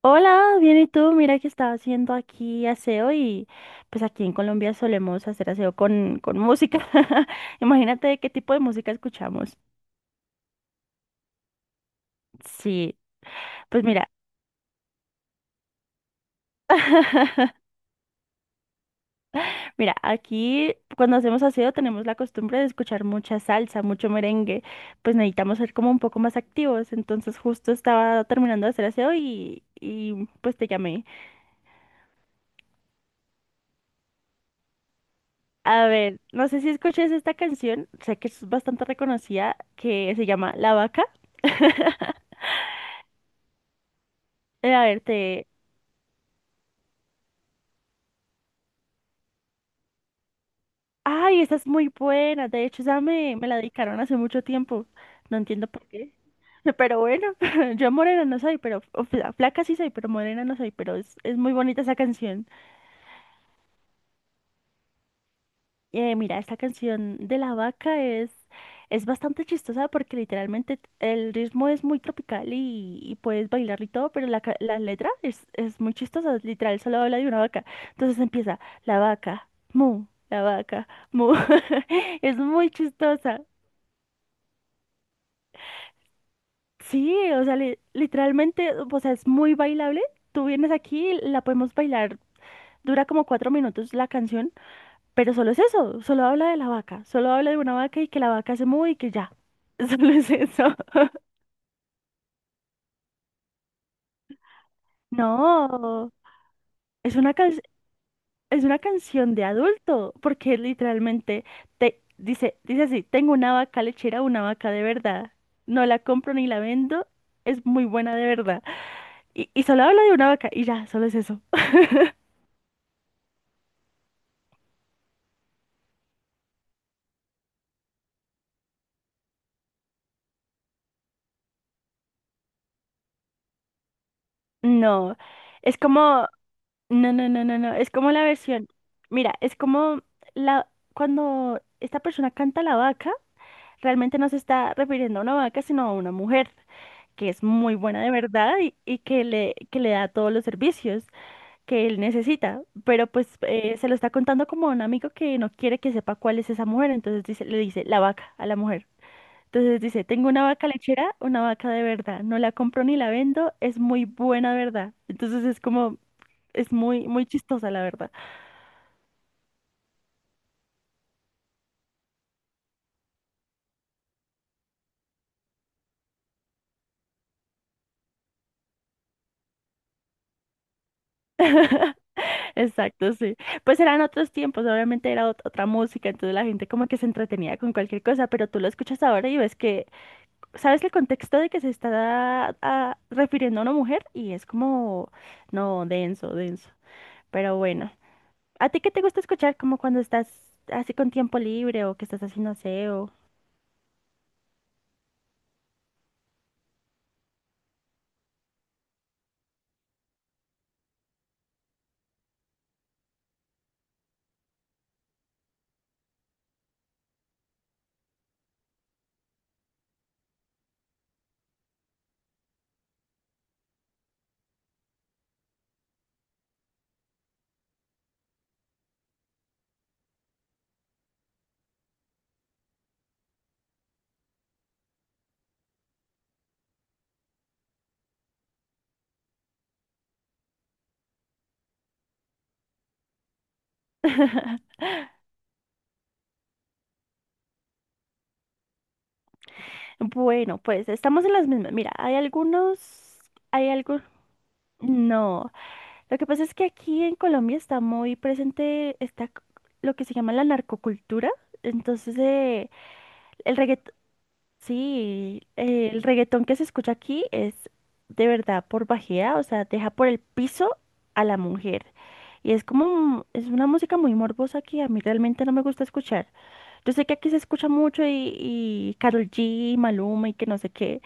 Hola, bien, ¿y tú? Mira que estaba haciendo aquí aseo y pues aquí en Colombia solemos hacer aseo con música. Imagínate qué tipo de música escuchamos. Sí, pues mira, mira, aquí cuando hacemos aseo tenemos la costumbre de escuchar mucha salsa, mucho merengue, pues necesitamos ser como un poco más activos. Entonces justo estaba terminando de hacer aseo y pues te llamé. A ver, no sé si escuches esta canción, sé que es bastante reconocida, que se llama La Vaca. A ver, te... Ay, esta es muy buena. De hecho, esa me la dedicaron hace mucho tiempo. No entiendo por qué. Pero bueno, yo morena no soy, pero flaca sí soy, pero morena no soy. Pero es muy bonita esa canción. Mira, esta canción de la vaca es bastante chistosa porque literalmente el ritmo es muy tropical y puedes bailar y todo, pero la letra es muy chistosa, literal, solo habla de una vaca. Entonces empieza, la vaca, mu, la vaca, mu. Es muy chistosa. Sí, o sea, literalmente, o sea, es muy bailable. Tú vienes aquí, la podemos bailar, dura como 4 minutos la canción. Pero solo es eso, solo habla de la vaca, solo habla de una vaca y que la vaca se mueve y que ya. Solo es eso. No, es una can- es una canción de adulto, porque literalmente te dice, dice así, tengo una vaca lechera, una vaca de verdad. No la compro ni la vendo, es muy buena de verdad. Y solo habla de una vaca y ya, solo es eso. No, es como, no, no, no, no, no, es como la versión. Mira, es como la cuando esta persona canta la vaca realmente no se está refiriendo a una vaca, sino a una mujer que es muy buena de verdad y, que le da todos los servicios que él necesita, pero pues se lo está contando como a un amigo que no quiere que sepa cuál es esa mujer, entonces dice, le dice la vaca a la mujer. Entonces dice, tengo una vaca lechera, una vaca de verdad, no la compro ni la vendo, es muy buena de verdad. Entonces es como, es muy, muy chistosa la verdad. Exacto, sí. Pues eran otros tiempos, obviamente era otra música, entonces la gente como que se entretenía con cualquier cosa, pero tú lo escuchas ahora y ves que, sabes el contexto de que se está refiriendo a una mujer y es como, no, denso, denso. Pero bueno, ¿a ti qué te gusta escuchar como cuando estás así con tiempo libre o que estás haciendo aseo? Bueno, pues estamos en las mismas. Mira, hay algunos, hay algo, no. Lo que pasa es que aquí en Colombia está muy presente está lo que se llama la narcocultura. Entonces, el reggaetón, sí, el reggaetón que se escucha aquí es de verdad por bajea, o sea, deja por el piso a la mujer. Y es como, es una música muy morbosa que a mí realmente no me gusta escuchar. Yo sé que aquí se escucha mucho y Karol G, Maluma y que no sé qué,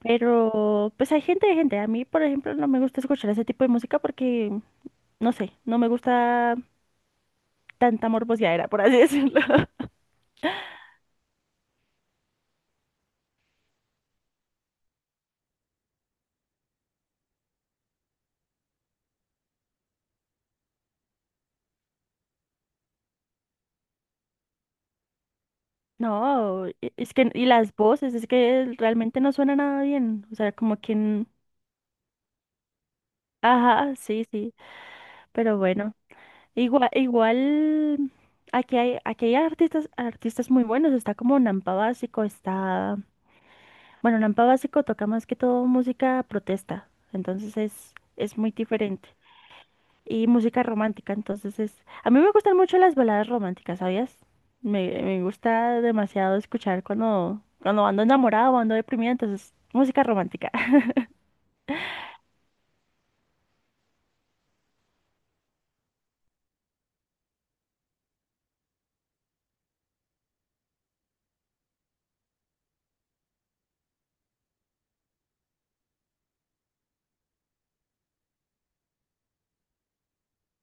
pero pues hay gente de gente. A mí, por ejemplo, no me gusta escuchar ese tipo de música porque no sé, no me gusta tanta morbosidadera, por así decirlo. No, es que, y las voces, es que realmente no suena nada bien. O sea, como que, n- ajá, sí, sí, pero bueno. Igual, igual, aquí hay artistas, artistas muy buenos. Está como Nampa Básico, está, bueno, Nampa Básico toca más que todo música protesta. Entonces es muy diferente. Y música romántica. Entonces es, a mí me gustan mucho las baladas románticas, ¿sabías? Me gusta demasiado escuchar cuando, cuando ando enamorada o ando deprimida, entonces música romántica.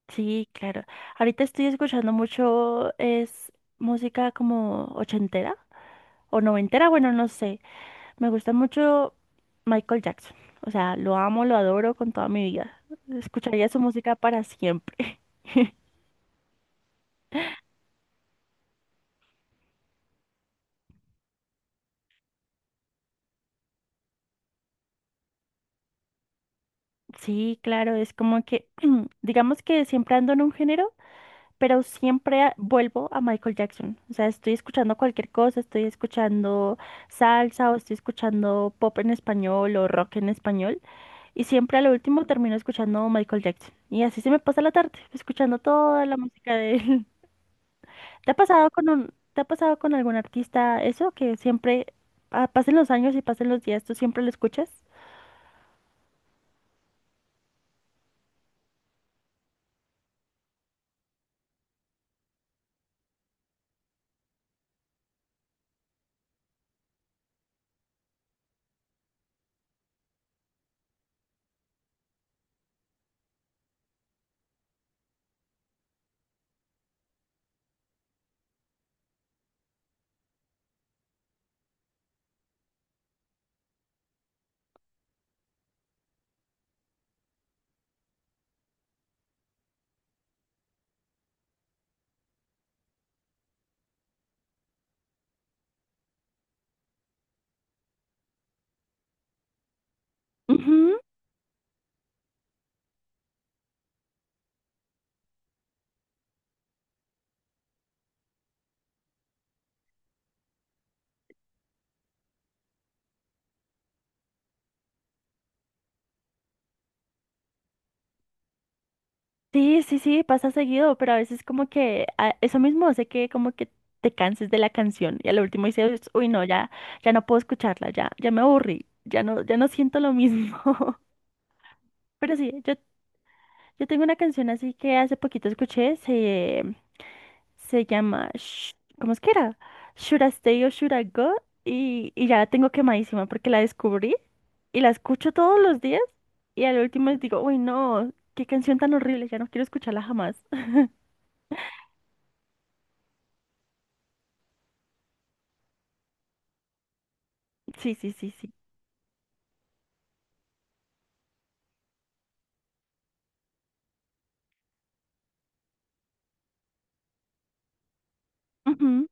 Sí, claro. Ahorita estoy escuchando mucho, es música como ochentera o noventera, bueno, no sé. Me gusta mucho Michael Jackson. O sea, lo amo, lo adoro con toda mi vida. Escucharía su música para siempre. Sí, claro, es como que, digamos que siempre ando en un género pero siempre vuelvo a Michael Jackson. O sea, estoy escuchando cualquier cosa, estoy escuchando salsa o estoy escuchando pop en español o rock en español y siempre a lo último termino escuchando Michael Jackson. Y así se me pasa la tarde, escuchando toda la música de él. ¿Te ha pasado con un, te ha pasado con algún artista eso que siempre pasen los años y pasen los días, tú siempre lo escuchas? Ujú. Sí, sí, sí, pasa seguido, pero a veces como que eso mismo hace que como que te canses de la canción y al último dices, uy, no, ya, ya no puedo escucharla, ya, ya me aburrí, ya no, ya no siento lo mismo. Pero sí, yo tengo una canción así que hace poquito escuché, se llama, Sh- ¿cómo es que era? Should I Stay or Should I Go? Y ya la tengo quemadísima porque la descubrí y la escucho todos los días y al último digo, uy, no, qué canción tan horrible, ya no quiero escucharla jamás. Sí, sí, sí, sí. Ujú.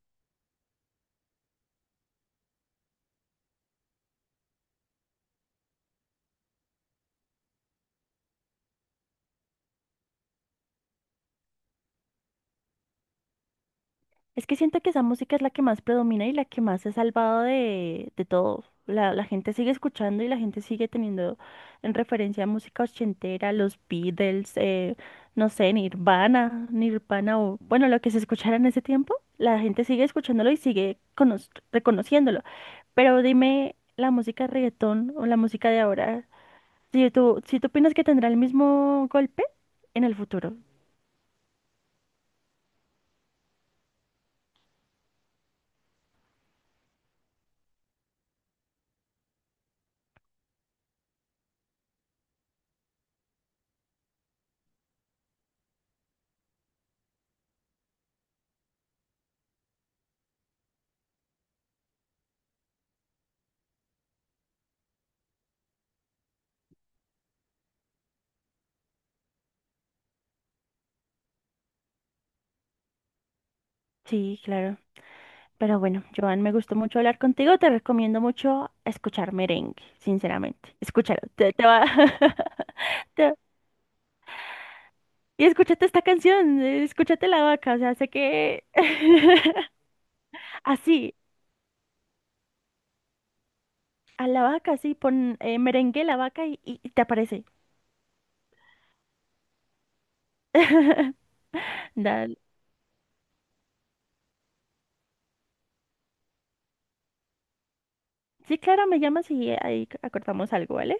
Es que siento que esa música es la que más predomina y la que más se ha salvado de todo. La gente sigue escuchando y la gente sigue teniendo en referencia música ochentera, los Beatles, no sé, Nirvana, Nirvana o bueno, lo que se escuchara en ese tiempo, la gente sigue escuchándolo y sigue reconociéndolo. Pero dime la música de reggaetón o la música de ahora, si tú, si tú opinas que tendrá el mismo golpe en el futuro. Sí, claro. Pero bueno, Joan, me gustó mucho hablar contigo. Te recomiendo mucho escuchar merengue, sinceramente. Escúchalo, te va... te- Y escúchate esta canción, escúchate La Vaca, o sea, sé que... Así, a La Vaca, sí, pon merengue La Vaca y, y te aparece. Dale. Sí, claro, me llamas y ahí acordamos algo, ¿vale?